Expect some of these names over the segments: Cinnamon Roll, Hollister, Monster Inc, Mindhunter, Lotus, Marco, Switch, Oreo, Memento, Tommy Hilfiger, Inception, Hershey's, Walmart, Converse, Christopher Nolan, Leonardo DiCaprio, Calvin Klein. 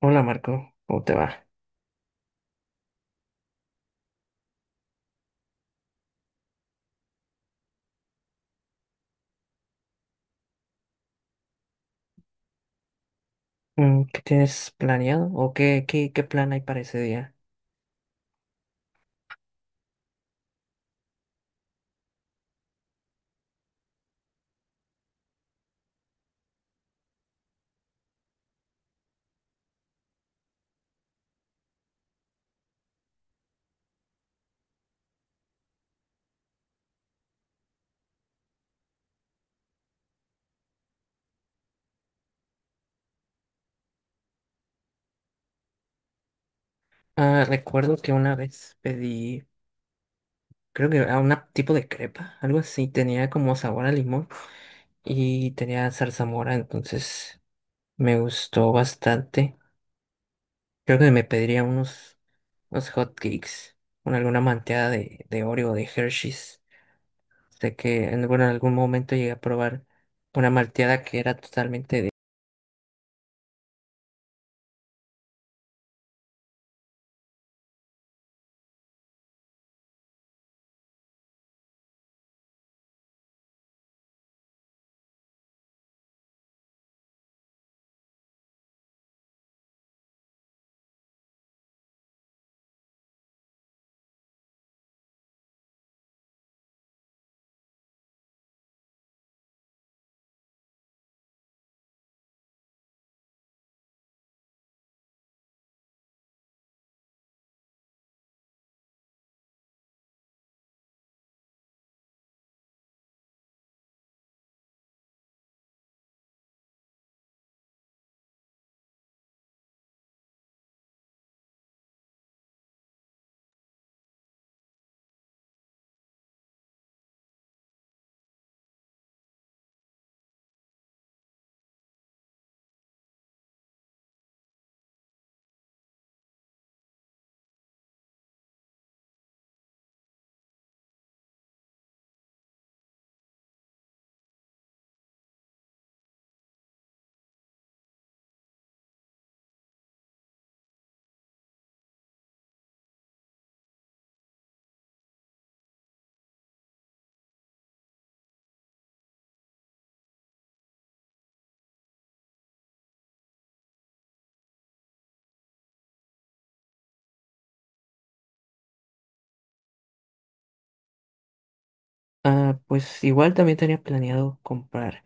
Hola Marco, ¿cómo te va? Mm, ¿qué tienes planeado o qué plan hay para ese día? Ah, recuerdo que una vez pedí, creo que a un tipo de crepa, algo así, tenía como sabor a limón y tenía zarzamora, entonces me gustó bastante. Creo que me pediría unos hot cakes, con alguna manteada de Oreo o de Hershey's. Sé que en, bueno, en algún momento llegué a probar una malteada que era totalmente. Ah, pues igual también tenía planeado comprar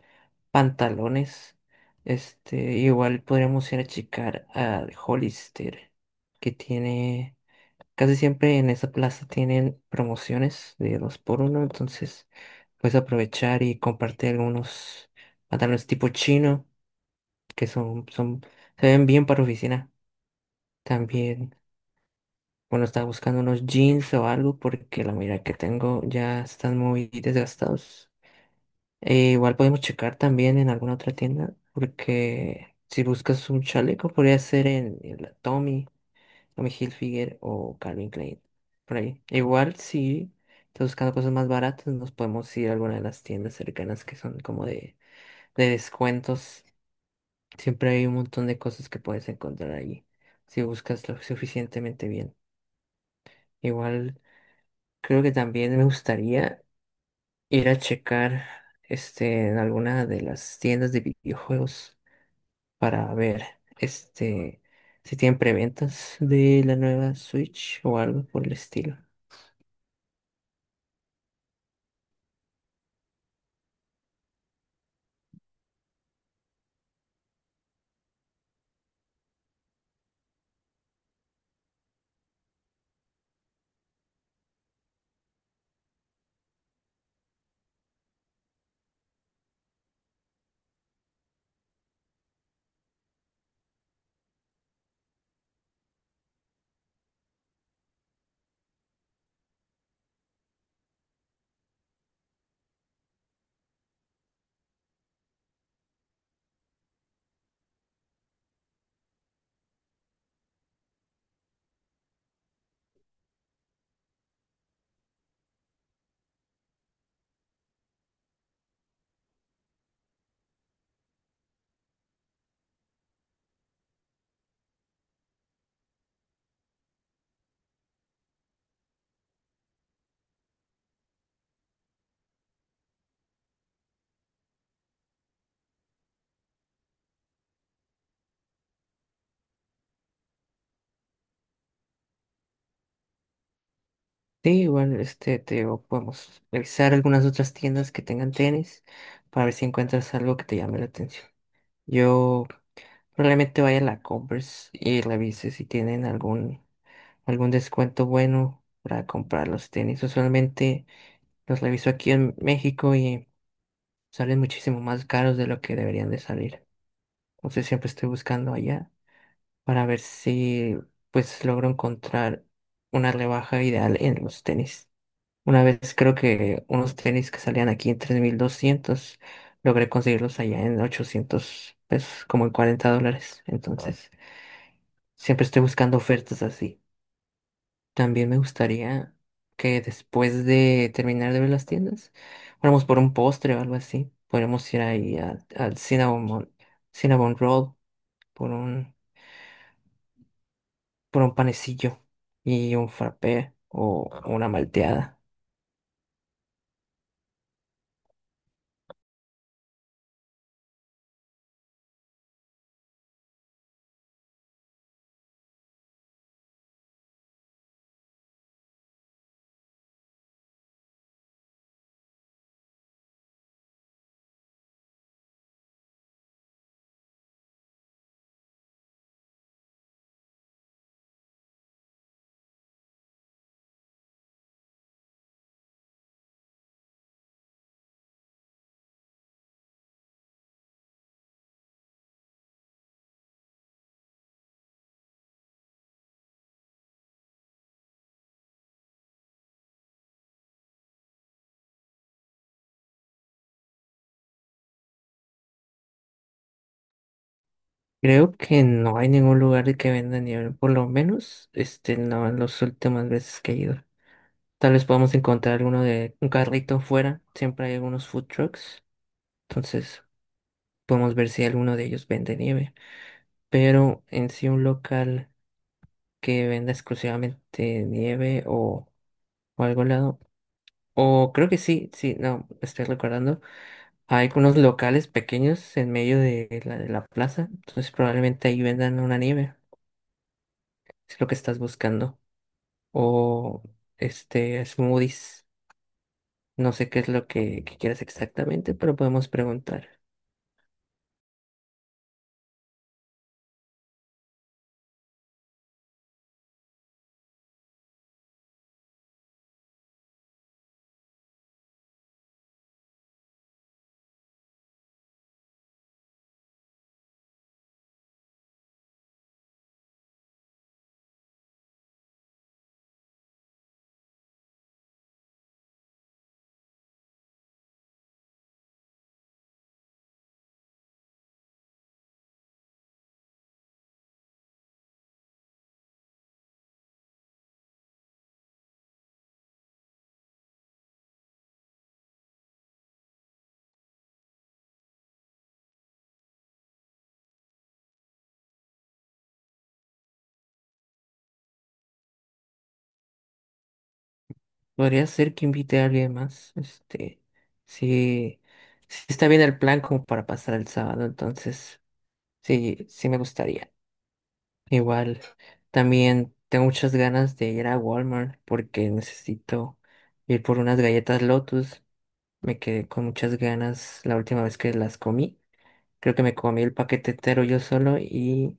pantalones. Igual podríamos ir a checar al Hollister, que tiene, casi siempre en esa plaza tienen promociones de dos por uno, entonces puedes aprovechar y comprarte algunos pantalones tipo chino, que son, se ven bien para oficina. También, bueno, estaba buscando unos jeans o algo, porque la mayoría que tengo ya están muy desgastados. E igual podemos checar también en alguna otra tienda, porque si buscas un chaleco, podría ser en la Tommy, Tommy Hilfiger o Calvin Klein, por ahí. Igual si estás buscando cosas más baratas, nos podemos ir a alguna de las tiendas cercanas que son como de descuentos. Siempre hay un montón de cosas que puedes encontrar allí, si buscas lo suficientemente bien. Igual creo que también me gustaría ir a checar en alguna de las tiendas de videojuegos, para ver este si tienen preventas de la nueva Switch o algo por el estilo. Sí, igual te digo, podemos revisar algunas otras tiendas que tengan tenis para ver si encuentras algo que te llame la atención. Yo probablemente vaya a la Converse y revise si tienen algún descuento bueno para comprar los tenis. Usualmente los reviso aquí en México y salen muchísimo más caros de lo que deberían de salir. Entonces siempre estoy buscando allá, para ver si pues logro encontrar una rebaja ideal en los tenis. Una vez creo que unos tenis que salían aquí en 3200 logré conseguirlos allá en 800 pesos, como en $40. Ah, entonces, siempre estoy buscando ofertas así. También me gustaría que después de terminar de ver las tiendas, fuéramos por un postre o algo así. Podríamos ir ahí al Cinnamon, Cinnamon Roll por un, por un panecillo y un frappé o, ah, una malteada. Creo que no hay ningún lugar que venda nieve, por lo menos no en las últimas veces que he ido. Tal vez podamos encontrar alguno de un carrito fuera, siempre hay algunos food trucks, entonces podemos ver si alguno de ellos vende nieve. Pero en sí un local que venda exclusivamente nieve o algo al lado. O creo que sí, sí, no, estoy recordando. Hay unos locales pequeños en medio de la plaza, entonces probablemente ahí vendan una nieve, si es lo que estás buscando. O smoothies, no sé qué es lo que quieras exactamente, pero podemos preguntar. Podría ser que invite a alguien más, si, si está bien el plan como para pasar el sábado, entonces sí, sí me gustaría. Igual, también tengo muchas ganas de ir a Walmart porque necesito ir por unas galletas Lotus. Me quedé con muchas ganas la última vez que las comí. Creo que me comí el paquete entero yo solo y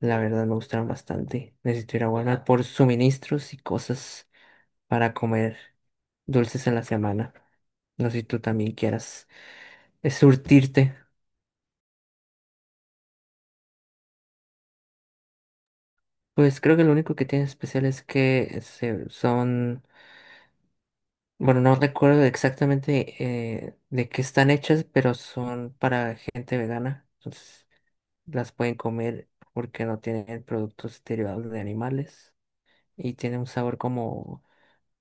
la verdad me gustaron bastante. Necesito ir a Walmart por suministros y cosas para comer dulces en la semana. No sé si tú también quieras surtirte. Pues creo que lo único que tiene especial es que son, bueno, no recuerdo exactamente de qué están hechas, pero son para gente vegana. Entonces las pueden comer porque no tienen productos derivados de animales y tiene un sabor como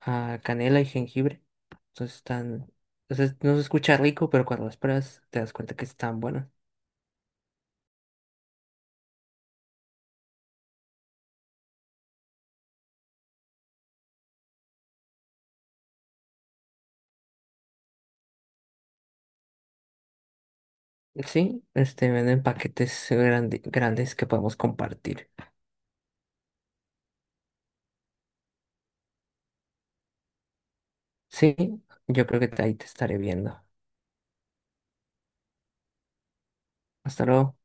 a canela y jengibre. Entonces están, entonces no se escucha rico, pero cuando las pruebas te das cuenta que están buenas. Sí, venden paquetes grandes que podemos compartir. Sí, yo creo que ahí te estaré viendo. Hasta luego.